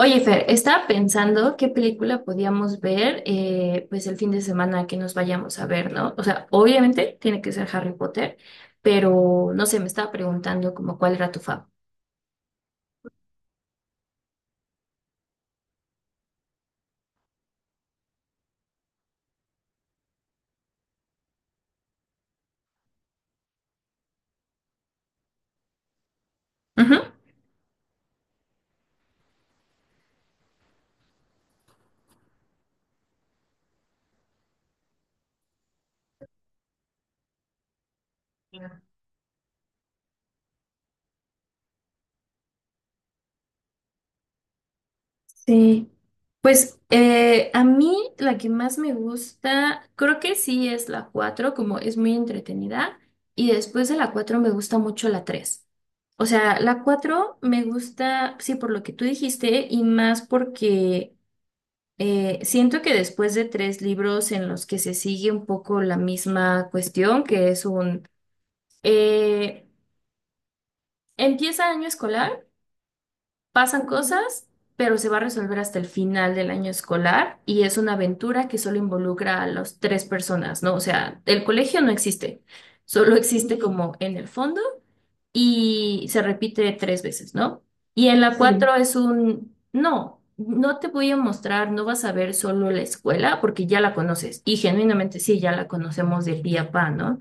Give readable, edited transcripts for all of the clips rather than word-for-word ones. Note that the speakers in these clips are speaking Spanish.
Oye, Fer, estaba pensando qué película podíamos ver pues el fin de semana que nos vayamos a ver, ¿no? O sea, obviamente tiene que ser Harry Potter, pero no sé, me estaba preguntando como cuál era tu fav. Ujú. Sí, pues a mí la que más me gusta, creo que sí es la 4 como es muy entretenida, y después de la 4 me gusta mucho la tres. O sea, la 4 me gusta, sí, por lo que tú dijiste, y más porque siento que después de tres libros en los que se sigue un poco la misma cuestión, que eh, empieza año escolar. Pasan cosas, pero se va a resolver hasta el final del año escolar y es una aventura que solo involucra a las tres personas, ¿no? O sea, el colegio no existe, solo existe como en el fondo y se repite tres veces, ¿no? Y en la cuatro no, no te voy a mostrar, no vas a ver solo la escuela porque ya la conoces y genuinamente sí, ya la conocemos del día a pa, ¿no?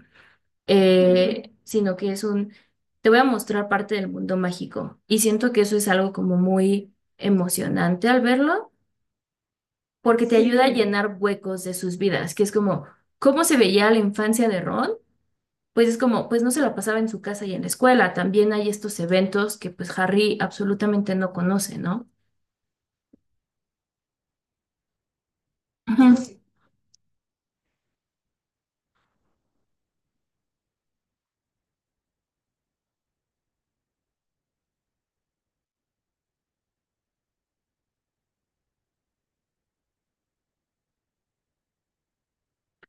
Sino que te voy a mostrar parte del mundo mágico. Y siento que eso es algo como muy emocionante al verlo, porque te ayuda a llenar huecos de sus vidas, que es como, ¿cómo se veía la infancia de Ron? Pues es como, pues no se la pasaba en su casa y en la escuela. También hay estos eventos que pues Harry absolutamente no conoce, ¿no? Ujú.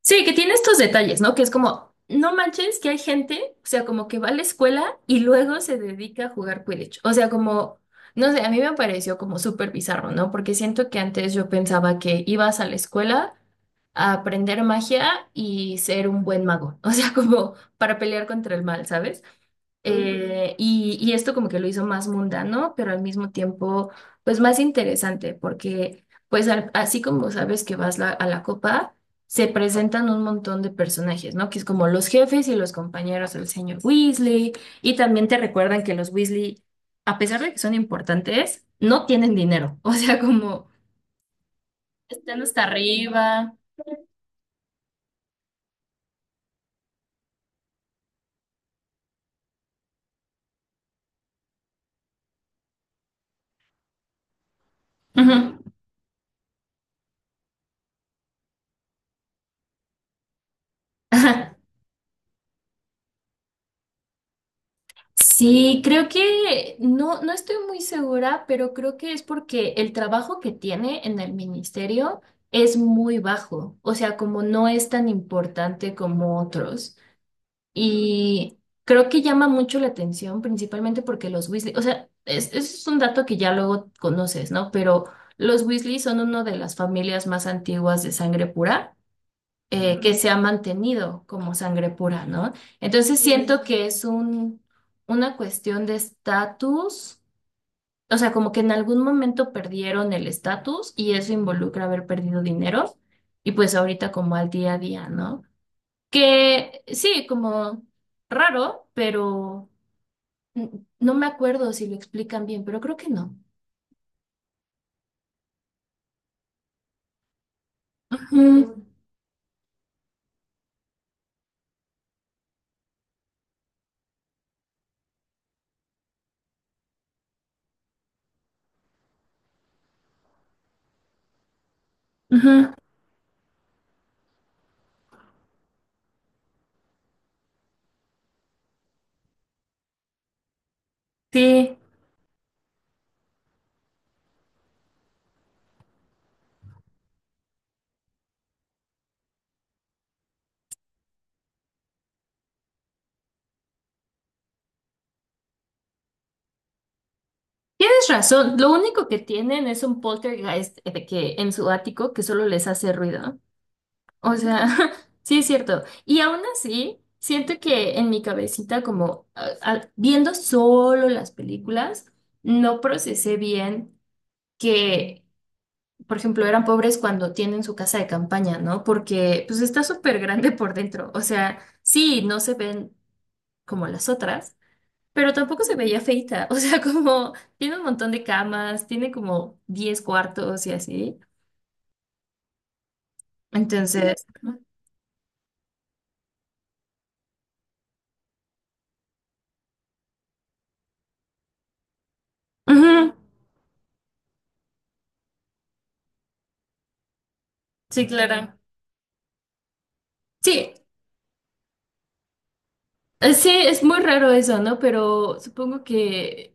Sí, que tiene estos detalles, ¿no? Que es como, no manches que hay gente, o sea, como que va a la escuela y luego se dedica a jugar Quidditch. O sea, como, no sé, a mí me pareció como súper bizarro, ¿no? Porque siento que antes yo pensaba que ibas a la escuela a aprender magia y ser un buen mago, o sea, como para pelear contra el mal, ¿sabes? Y esto como que lo hizo más mundano, pero al mismo tiempo, pues más interesante, porque pues así como sabes que vas a la copa, se presentan un montón de personajes, ¿no? Que es como los jefes y los compañeros del señor Weasley, y también te recuerdan que los Weasley, a pesar de que son importantes, no tienen dinero, o sea, como están hasta arriba. Ujú. Sí, creo que no, no estoy muy segura, pero creo que es porque el trabajo que tiene en el ministerio es muy bajo, o sea, como no es tan importante como otros. Y creo que llama mucho la atención, principalmente porque los Weasley, o sea, es un dato que ya luego conoces, ¿no? Pero los Weasley son una de las familias más antiguas de sangre pura que se ha mantenido como sangre pura, ¿no? Entonces siento que es una cuestión de estatus, o sea, como que en algún momento perdieron el estatus y eso involucra haber perdido dinero y pues ahorita como al día a día, ¿no? Que sí, como raro, pero no me acuerdo si lo explican bien, pero creo que no. Ujú, ujú, sí. Tienes razón, lo único que tienen es un poltergeist de que en su ático que solo les hace ruido. O sea, sí es cierto. Y aún así, siento que en mi cabecita, como viendo solo las películas, no procesé bien que, por ejemplo, eran pobres cuando tienen su casa de campaña, ¿no? Porque pues está súper grande por dentro. O sea, sí, no se ven como las otras pero tampoco se veía feita, o sea, como tiene un montón de camas, tiene como 10 cuartos y así. Entonces, ujú, sí, claro. Sí, sí, es muy raro eso, ¿no? Pero supongo que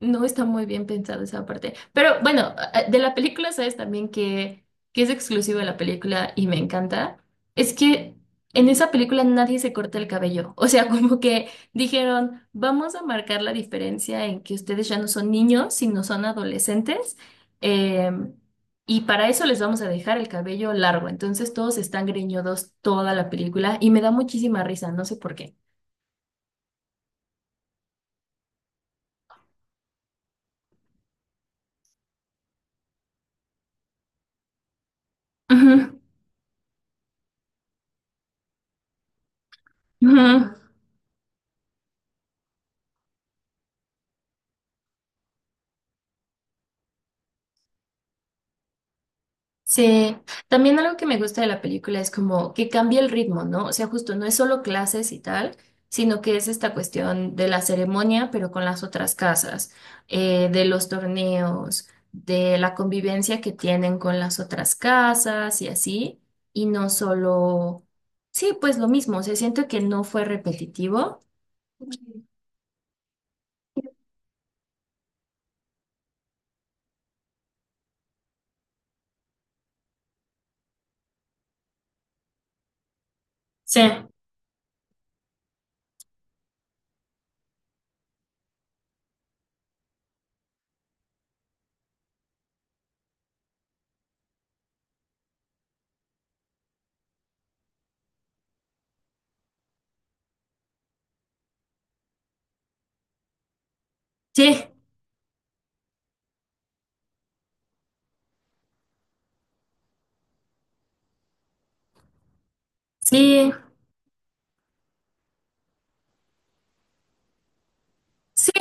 no está muy bien pensado esa parte. Pero bueno, de la película sabes también que, es exclusivo de la película y me encanta. Es que en esa película nadie se corta el cabello. O sea, como que dijeron, vamos a marcar la diferencia en que ustedes ya no son niños, sino son adolescentes. em, y para eso les vamos a dejar el cabello largo. Entonces todos están greñudos toda la película y me da muchísima risa, no sé por qué. Ujú, ujú. Sí, también algo que me gusta de la película es como que cambia el ritmo, ¿no? O sea, justo no es solo clases y tal, sino que es esta cuestión de la ceremonia, pero con las otras casas, de los torneos, de la convivencia que tienen con las otras casas y así, y no solo, sí, pues lo mismo, o sea, siento que no fue repetitivo. Sí, sí, sí, sí,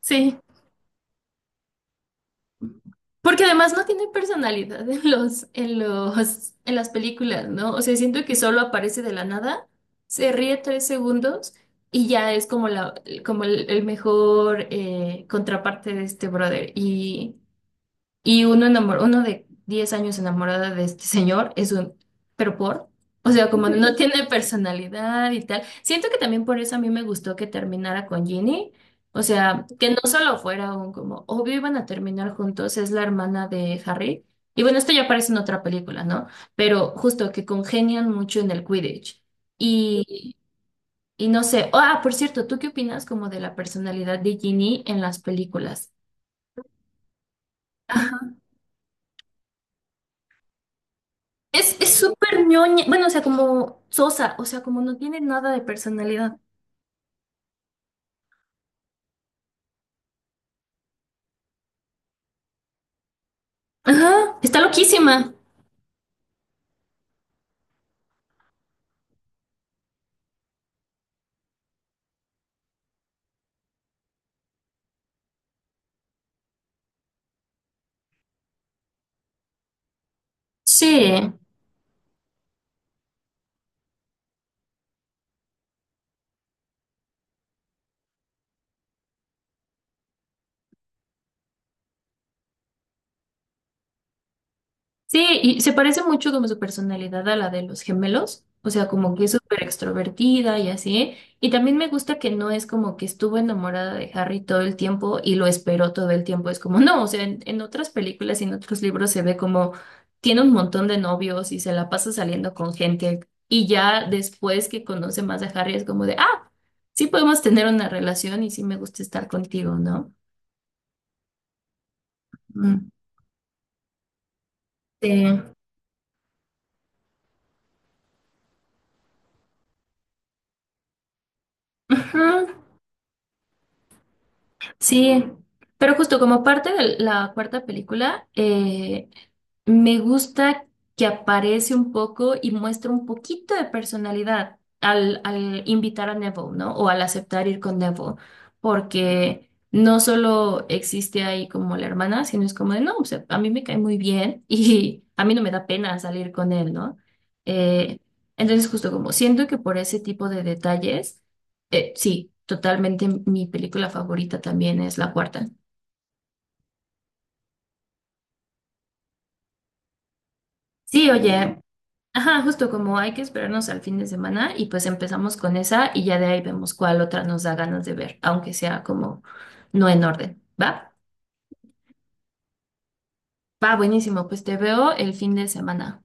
sí. Porque además no tiene personalidad en en las películas, ¿no? O sea, siento que solo aparece de la nada, se ríe 3 segundos y ya es como el mejor contraparte de este brother. Y uno de 10 años enamorada de este señor es un, pero por, o sea, como no tiene personalidad y tal. Siento que también por eso a mí me gustó que terminara con Ginny. O sea, que no solo fuera un como, obvio iban a terminar juntos, es la hermana de Harry. Y bueno, esto ya aparece en otra película, ¿no? Pero justo que congenian mucho en el Quidditch. Y, y no sé, ah, por cierto, ¿tú qué opinas como de la personalidad de Ginny en las películas? Es súper ñoña, bueno, o sea, como sosa, o sea, como no tiene nada de personalidad. Ajá, está loquísima. Sí. Sí, y se parece mucho como su personalidad a la de los gemelos, o sea, como que es súper extrovertida y así. Y también me gusta que no es como que estuvo enamorada de Harry todo el tiempo y lo esperó todo el tiempo. Es como, no, o sea, en otras películas y en otros libros se ve como tiene un montón de novios y se la pasa saliendo con gente. Y ya después que conoce más a Harry es como de, ah, sí podemos tener una relación y sí me gusta estar contigo, ¿no? Mm. Sí. Ujú. Sí, pero justo como parte de la cuarta película, me gusta que aparece un poco y muestra un poquito de personalidad al invitar a Neville, ¿no? O al aceptar ir con Neville, porque no solo existe ahí como la hermana, sino es como de, no, o sea, a mí me cae muy bien y a mí no me da pena salir con él, ¿no? Eh, entonces justo como siento que por ese tipo de detalles sí, totalmente mi película favorita también es la cuarta. Sí, oye, ajá, justo como hay que esperarnos al fin de semana y pues empezamos con esa y ya de ahí vemos cuál otra nos da ganas de ver, aunque sea como no en orden, ¿va? Va, buenísimo, pues te veo el fin de semana.